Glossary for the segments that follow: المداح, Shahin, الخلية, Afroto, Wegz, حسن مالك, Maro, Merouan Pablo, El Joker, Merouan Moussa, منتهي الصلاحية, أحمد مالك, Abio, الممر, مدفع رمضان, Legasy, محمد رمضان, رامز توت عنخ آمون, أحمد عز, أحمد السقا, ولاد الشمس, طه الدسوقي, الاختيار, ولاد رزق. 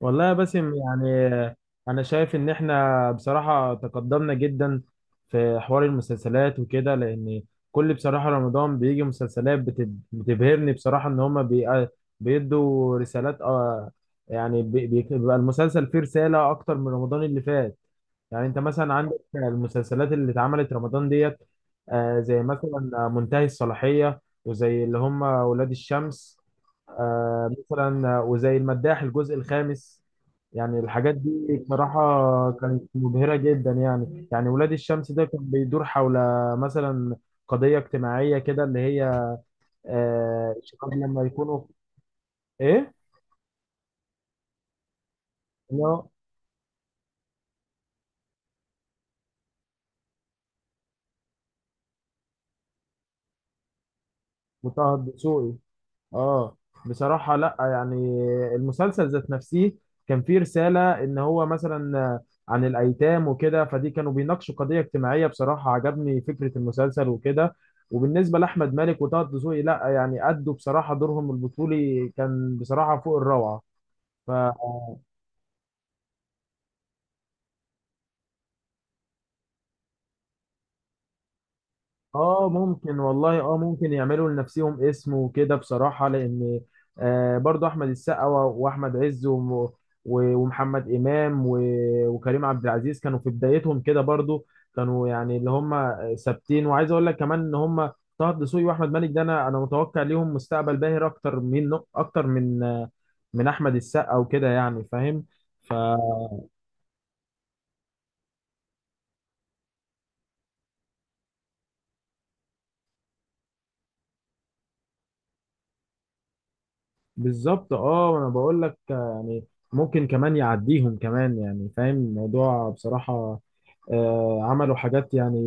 والله يا باسم، يعني انا شايف ان احنا بصراحة تقدمنا جدا في حوار المسلسلات وكده. لان كل بصراحة رمضان بيجي مسلسلات بتبهرني بصراحة. ان هما بيدوا رسالات. بيبقى المسلسل فيه رسالة اكتر من رمضان اللي فات. يعني انت مثلا عندك المسلسلات اللي اتعملت رمضان ديت، زي مثلا منتهي الصلاحية، وزي اللي هم ولاد الشمس، آه، مثلا آه، وزي المداح الجزء الخامس. يعني الحاجات دي بصراحة كانت مبهرة جدا يعني ولاد الشمس ده كان بيدور حول مثلا قضية اجتماعية كده، اللي هي الشباب لما يكونوا. ايه؟ اللي هو وطه الدسوقي. اه بصراحة لا يعني، المسلسل ذات نفسه كان فيه رسالة، ان هو مثلا عن الايتام وكده، فدي كانوا بيناقشوا قضية اجتماعية. بصراحة عجبني فكرة المسلسل وكده. وبالنسبة لأحمد مالك وطه دسوقي، لا يعني أدوا بصراحة دورهم البطولي كان بصراحة فوق الروعة. اه ممكن والله، اه ممكن يعملوا لنفسهم اسم وكده، بصراحة، لان برضو احمد السقا واحمد عز ومحمد امام وكريم عبد العزيز كانوا في بدايتهم كده برضو. كانوا يعني اللي هم ثابتين. وعايز اقول لك كمان ان هم طه دسوقي واحمد مالك ده، انا متوقع ليهم مستقبل باهر اكتر من من احمد السقا وكده، يعني فاهم. بالظبط، اه انا بقول لك يعني ممكن كمان يعديهم كمان، يعني فاهم الموضوع بصراحة. عملوا حاجات يعني،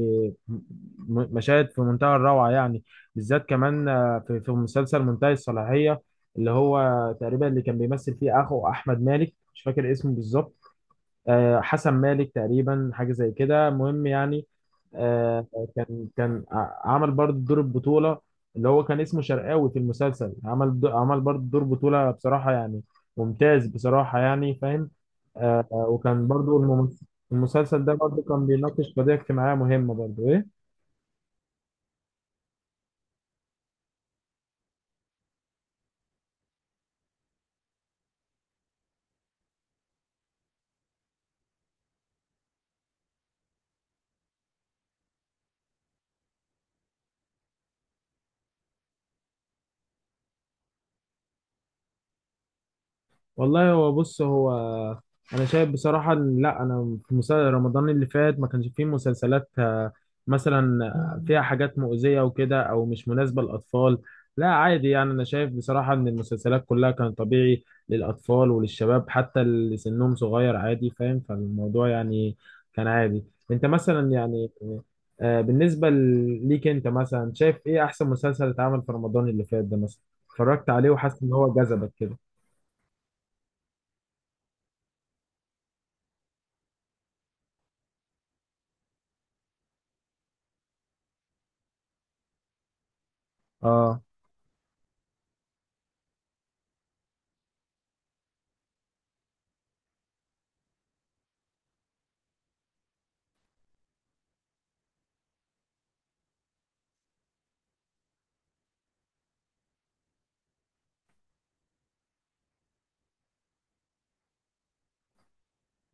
م- مشاهد في منتهى الروعة يعني، بالذات كمان في مسلسل منتهي الصلاحية، اللي هو تقريبا اللي كان بيمثل فيه اخو احمد مالك. مش فاكر اسمه بالظبط، حسن مالك تقريبا، حاجه زي كده. المهم يعني، آه، كان عمل برضه دور البطوله. اللي هو كان اسمه شرقاوي في المسلسل، عمل عمل برضه دور بطوله بصراحه، يعني ممتاز بصراحه، يعني فاهم. وكان برضه المسلسل ده برضه كان بيناقش قضيه اجتماعيه مهمه برضه، ايه. والله هو بص، انا شايف بصراحه، إن- لا انا في مسلسل رمضان اللي فات ما كانش فيه مسلسلات آه، مثلا آه، فيها حاجات مؤذيه وكده، او مش مناسبه للاطفال. لا عادي يعني، انا شايف بصراحه ان المسلسلات كلها كان طبيعي للاطفال وللشباب، حتى اللي سنهم صغير عادي، فاهم، فالموضوع يعني كان عادي. انت مثلا يعني، بالنسبه ليك انت مثلا شايف ايه احسن مسلسل اتعمل في رمضان اللي فات ده مثلا، اتفرجت عليه وحاسس ان هو جذبك كده؟ اه.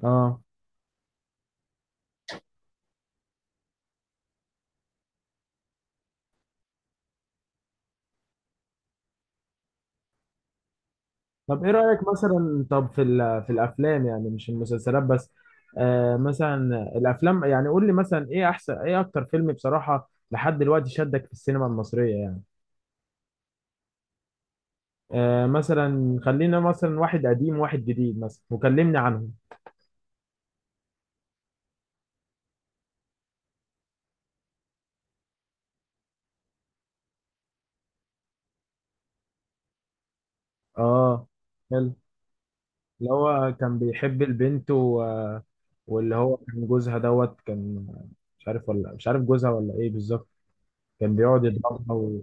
اه طب ايه رأيك مثلا، طب في في الافلام، يعني مش المسلسلات بس. آه مثلا الافلام يعني، قول لي مثلا ايه احسن، ايه اكتر فيلم بصراحة لحد دلوقتي شدك في السينما المصرية يعني. آه مثلا خلينا مثلا واحد قديم واحد جديد مثلا، وكلمني عنهم. اه، حلو. اللي هو كان بيحب البنت و... واللي هو كان جوزها دوت، كان مش عارف، ولا مش عارف جوزها، ولا ايه بالظبط. كان بيقعد يضربها و...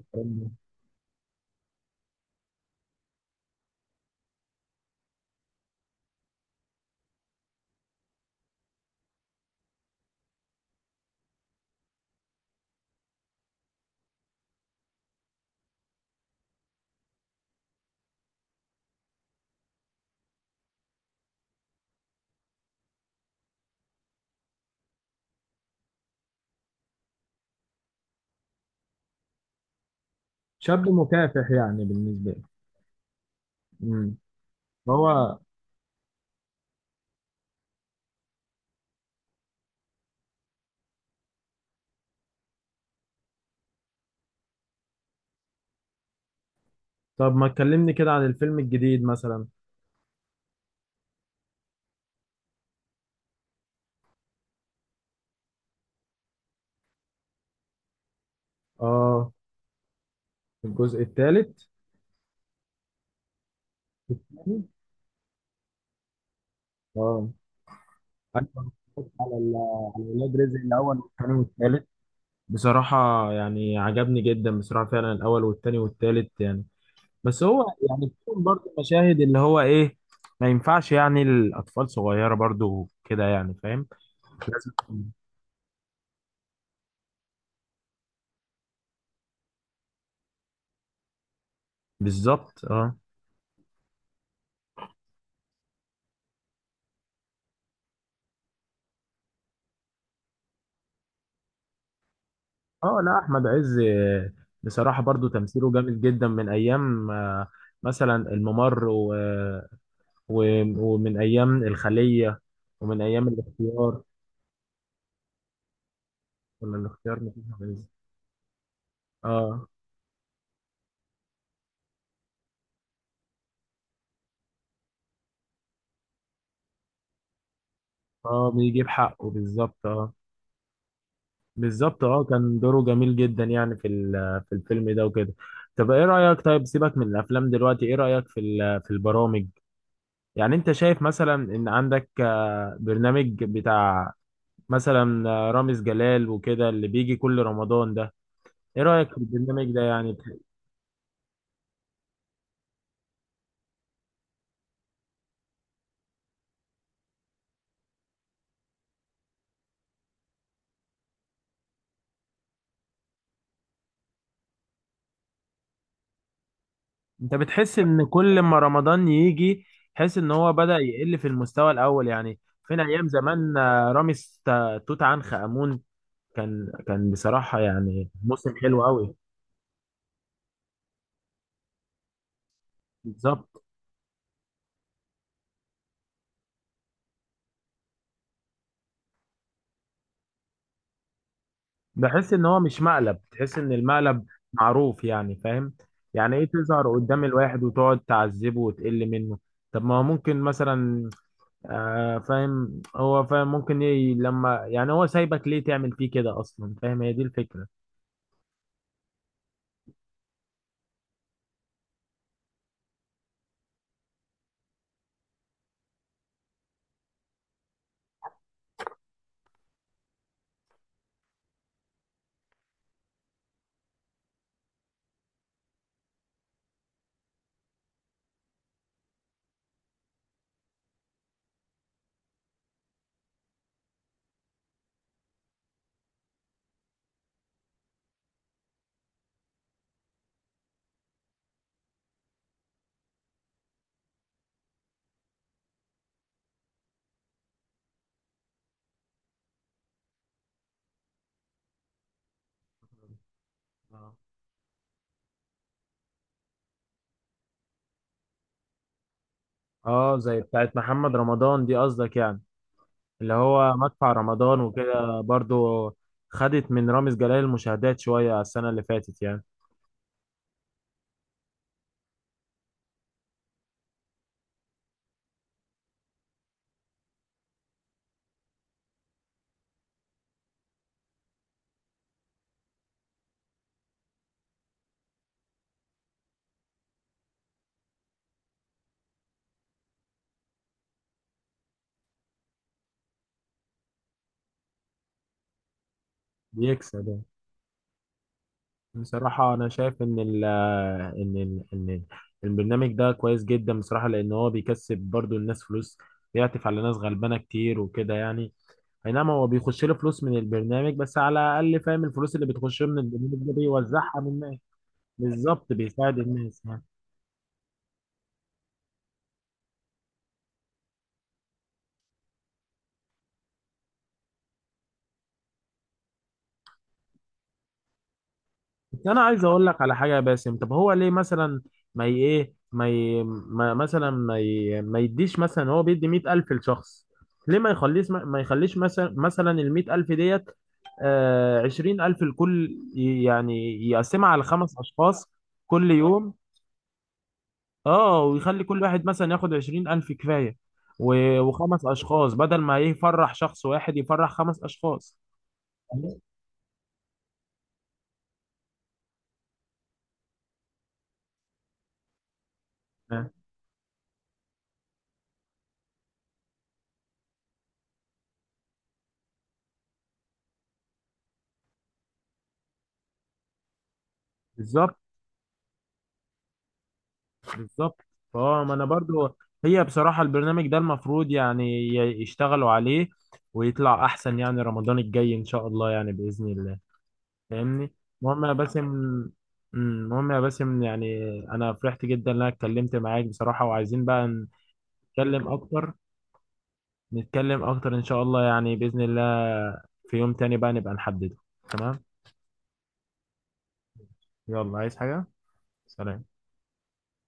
شاب مكافح يعني بالنسبة لي. مم. هو طب ما تكلمني كده عن الفيلم الجديد مثلا. اه، الجزء الثالث. اه أنا اتفرجت على على ولاد رزق الاول والثاني والثالث. بصراحه يعني عجبني جدا بصراحه، فعلا الاول والثاني والثالث يعني. بس هو يعني فيهم برضه مشاهد اللي هو ايه، ما ينفعش يعني الاطفال صغيره برضه كده، يعني فاهم. لازم. بالظبط اه. اه لا احمد عز بصراحه برضو تمثيله جامد جدا من ايام مثلا الممر و... و... ومن ايام الخليه، ومن ايام الاختيار. ولا الاختيار مفيش أحمد عز. اه. اه بيجيب حقه بالظبط اه. بالظبط، اه كان دوره جميل جدا يعني في في الفيلم ده وكده. طب ايه رايك، طيب سيبك من الافلام دلوقتي، ايه رايك في في البرامج؟ يعني انت شايف مثلا ان عندك برنامج بتاع مثلا رامز جلال وكده، اللي بيجي كل رمضان ده، ايه رأيك في البرنامج ده يعني انت بتحس ان كل ما رمضان يجي تحس ان هو بدأ يقل في المستوى الاول يعني؟ فين ايام زمان، رامز توت عنخ آمون، كان بصراحة يعني موسم حلو قوي. بالظبط. بحس ان هو مش مقلب، تحس ان المقلب معروف، يعني فاهم، يعني ايه تظهر قدام الواحد وتقعد تعذبه وتقل منه. طب ما هو ممكن مثلا فاهم، هو فاهم، ممكن لما يعني هو سايبك ليه تعمل فيه كده اصلا، فاهم، هي دي الفكرة. آه. اه، زي بتاعت محمد رمضان دي قصدك يعني، اللي هو مدفع رمضان وكده برضو، خدت من رامز جلال المشاهدات شوية على السنة اللي فاتت يعني. بيكسب يعني. بصراحة أنا شايف إن البرنامج ده كويس جدا بصراحة، لأن هو بيكسب برضو الناس فلوس، بيعطف على ناس غلبانة كتير وكده يعني. اي نعم هو بيخش له فلوس من البرنامج، بس على الاقل فاهم الفلوس اللي بتخش له من البرنامج ده بيوزعها من الناس. بالظبط بيساعد الناس يعني. بس انا عايز اقول لك على حاجه يا باسم، طب هو ليه مثلا ما ي- ايه ما, ي... ما مثلا ما, ي... ما يديش مثلا، هو بيدي 100,000 لشخص. ليه ما يخليش، ما يخليش مثلا، مثلا ال 100,000 ديت 20,000 لكل، يعني يقسمها على خمس أشخاص كل يوم. اه ويخلي كل واحد مثلا ياخد 20,000 كفاية، وخمس أشخاص، بدل ما يفرح شخص واحد يفرح خمس أشخاص. آه، بالظبط. بالظبط اه، ما أنا برضو. هي بصراحة البرنامج ده المفروض يعني يشتغلوا عليه ويطلع أحسن يعني رمضان الجاي إن شاء الله، يعني بإذن الله، فاهمني. المهم يا باسم، المهم يا باسم يعني أنا فرحت جدا إن أنا اتكلمت معاك بصراحة، وعايزين بقى نتكلم أكتر. نتكلم اكتر ان شاء الله يعني، باذن الله، في يوم تاني بقى نبقى نحدده. تمام. يلا، عايز حاجه؟ سلام.